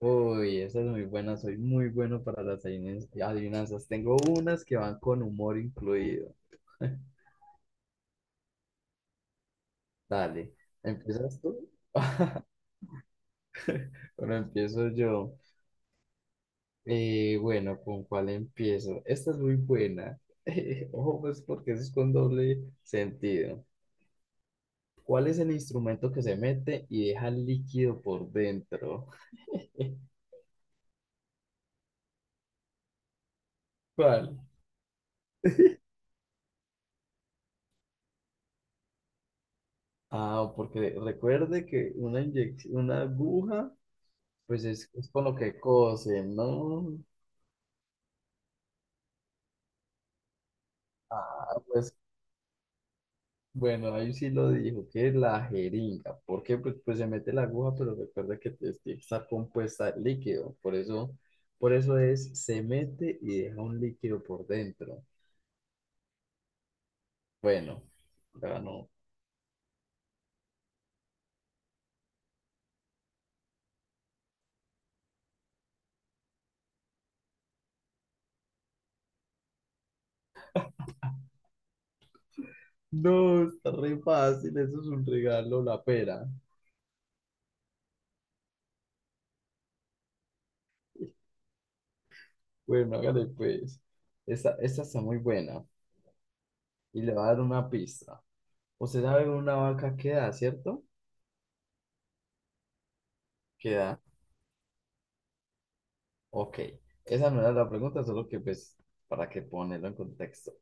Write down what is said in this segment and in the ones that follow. Uy, esa es muy buena, soy muy bueno para las adivinanzas. Tengo unas que van con humor incluido. Dale, ¿empiezas tú? Bueno, empiezo yo. Bueno, ¿con cuál empiezo? Esta es muy buena. Ojo, pues porque eso es con doble sentido. ¿Cuál es el instrumento que se mete y deja líquido por dentro? ¿Cuál? Ah, porque recuerde que una una aguja, pues es con lo que cosen, ¿no? Ah, pues bueno, ahí sí lo dijo, que es la jeringa. ¿Por qué? Pues se mete la aguja, pero recuerda que tiene que estar compuesta de líquido. Por eso es, se mete y deja un líquido por dentro. Bueno, ganó. No, no, está re fácil, eso es un regalo, la pera. Bueno, hágale pues. Esta está muy buena y le va a dar una pista. Usted sabe una vaca que da, ¿cierto? Que da. Ok, esa no era la pregunta, solo que pues para que ponerlo en contexto.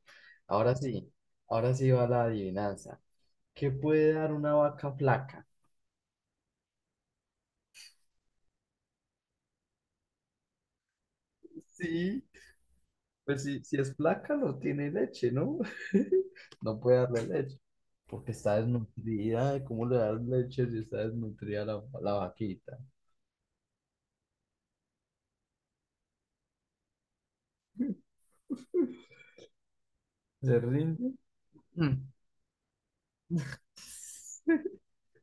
Ahora sí, ahora sí va la adivinanza. ¿Qué puede dar una vaca flaca? Sí, pues si es flaca no tiene leche, ¿no? No puede darle leche, porque está desnutrida. ¿Cómo le das leche si está desnutrida la vaquita? ¿Se rinde? Mm.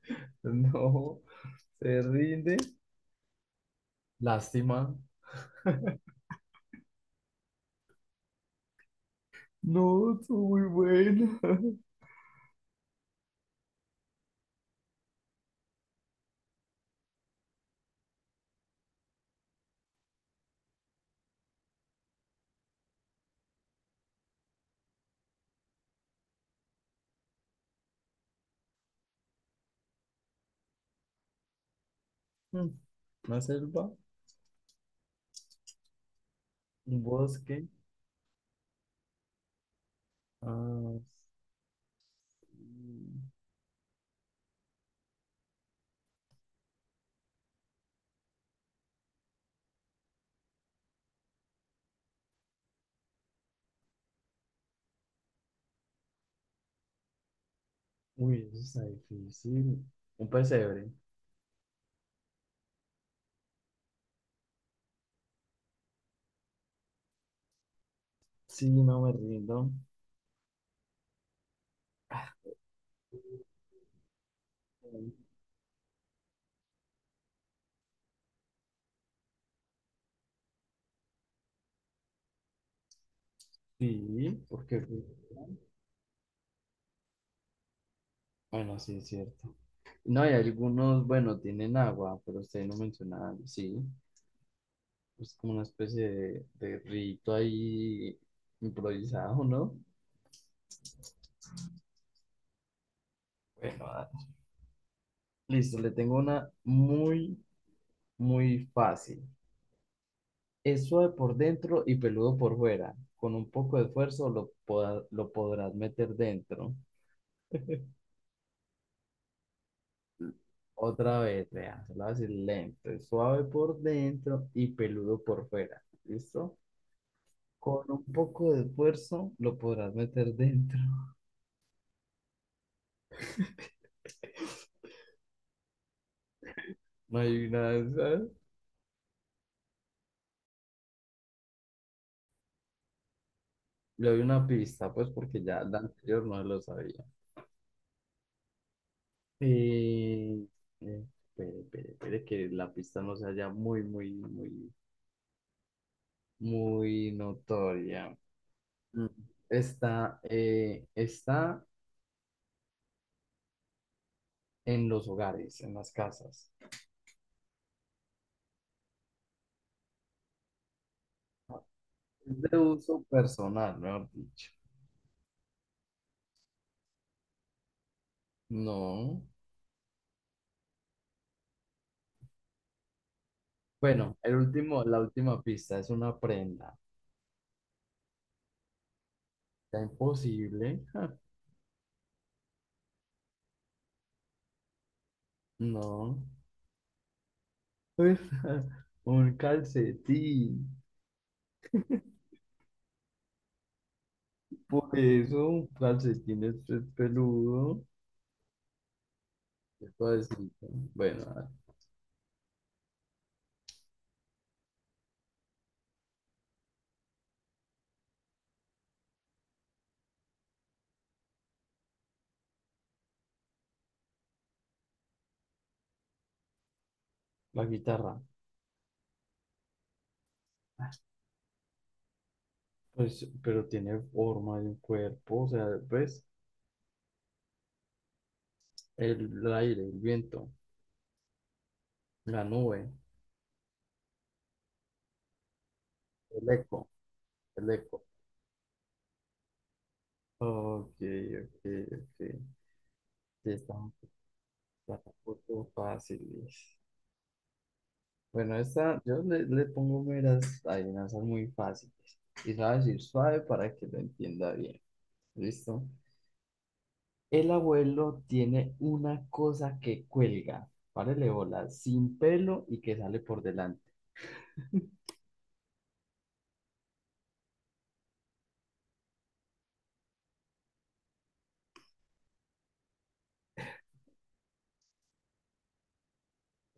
No, se rinde. Lástima. No, tú muy buena. Mm. Una selva, un bosque. Ah, sí. Uy, eso está difícil. Un pesebre. Sí, no me rindo. Sí, porque, bueno, sí, es cierto. No, hay algunos, bueno, tienen agua, pero usted no menciona, sí, es como una especie de rito ahí improvisado, ¿no? Bueno, ah, listo, le tengo una muy, muy fácil. Es suave por dentro y peludo por fuera. Con un poco de esfuerzo lo lo podrás meter dentro. Otra vez, vea, se lo voy a decir lento. Es suave por dentro y peludo por fuera. ¿Listo? Con un poco de esfuerzo lo podrás meter dentro. No hay una de esas. Le doy una pista, pues, porque ya la anterior no lo sabía. Eh, eh, espere, espere, espere, que la pista no sea ya muy, muy, muy, muy notoria. Mm. Está en los hogares, en las casas. Es de uso personal, mejor dicho. No. Bueno, el último, la última pista es una prenda. Está imposible. Ja, no. Pues, ja, un calcetín. Por eso, un calcetín es peludo. Es suavecito. Bueno, a ver, la guitarra. Pues, pero tiene forma de un cuerpo. O sea, pues, el aire, el viento. La nube, el eco, el eco. Ok, ok, ok. Sí, está un poco fáciles. Bueno, esta, yo le pongo meras adivinanzas muy fáciles. Y sabes ir suave para que lo entienda bien. ¿Listo? El abuelo tiene una cosa que cuelga, párele bola, sin pelo y que sale por delante.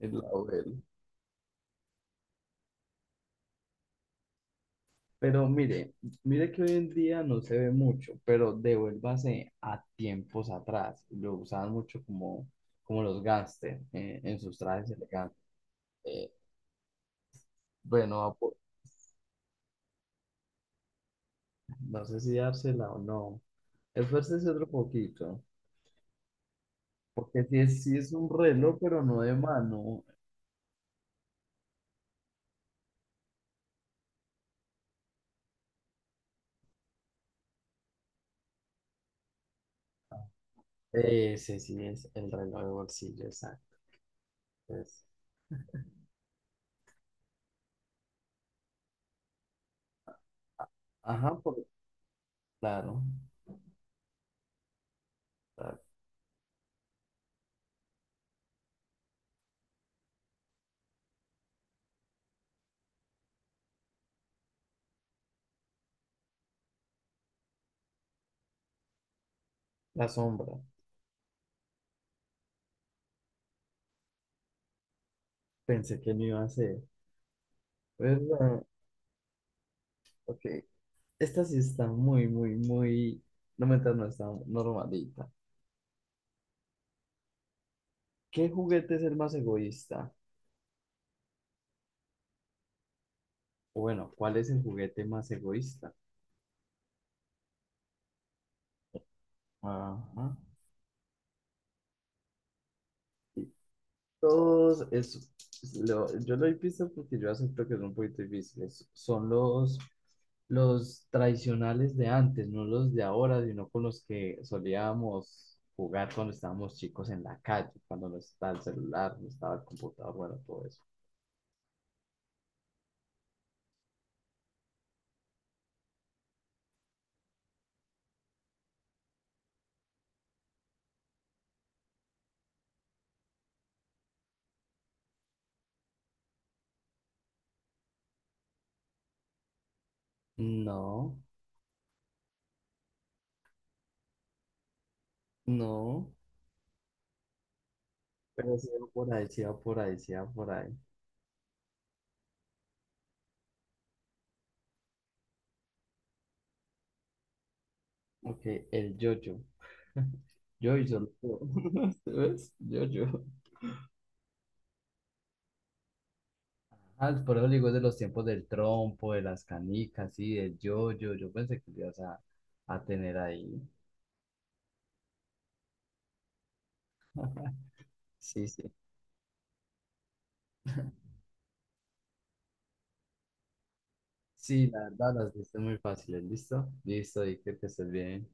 El abuelo. Pero mire, mire que hoy en día no se ve mucho, pero devuélvase a tiempos atrás. Lo usaban mucho como, como los gángsters en sus trajes elegantes. Eh, bueno, no sé si dársela o no. Esfuércese otro poquito, porque sí sí es un reloj, pero no de mano. Ese sí es el reloj de bolsillo, exacto. es- Ajá, por, claro, la, la sombra. Pensé que no iba a ser. ¿Verdad? Ok. Esta sí está muy, muy, muy... No, me no está normalita. ¿Qué juguete es el más egoísta? O bueno, ¿cuál es el juguete más egoísta? Ajá. Y todos, es, yo lo he visto porque yo acepto que son un poquito difíciles. Son los tradicionales de antes, no los de ahora, sino con los que solíamos jugar cuando estábamos chicos en la calle, cuando no estaba el celular, no estaba el computador, bueno, todo eso. No, no. Pero sí va por ahí, sí va por ahí, sí va por ahí. Ok, el yo-yo. Yo y solo yo. ¿Ves? Yo-yo. Ah, por eso le digo es de los tiempos del trompo, de las canicas, sí, del yo-yo. Yo pensé que lo ibas a tener ahí. Sí, sí. Sí, la verdad, las viste muy fáciles. ¿Listo? Listo, y que te estés bien.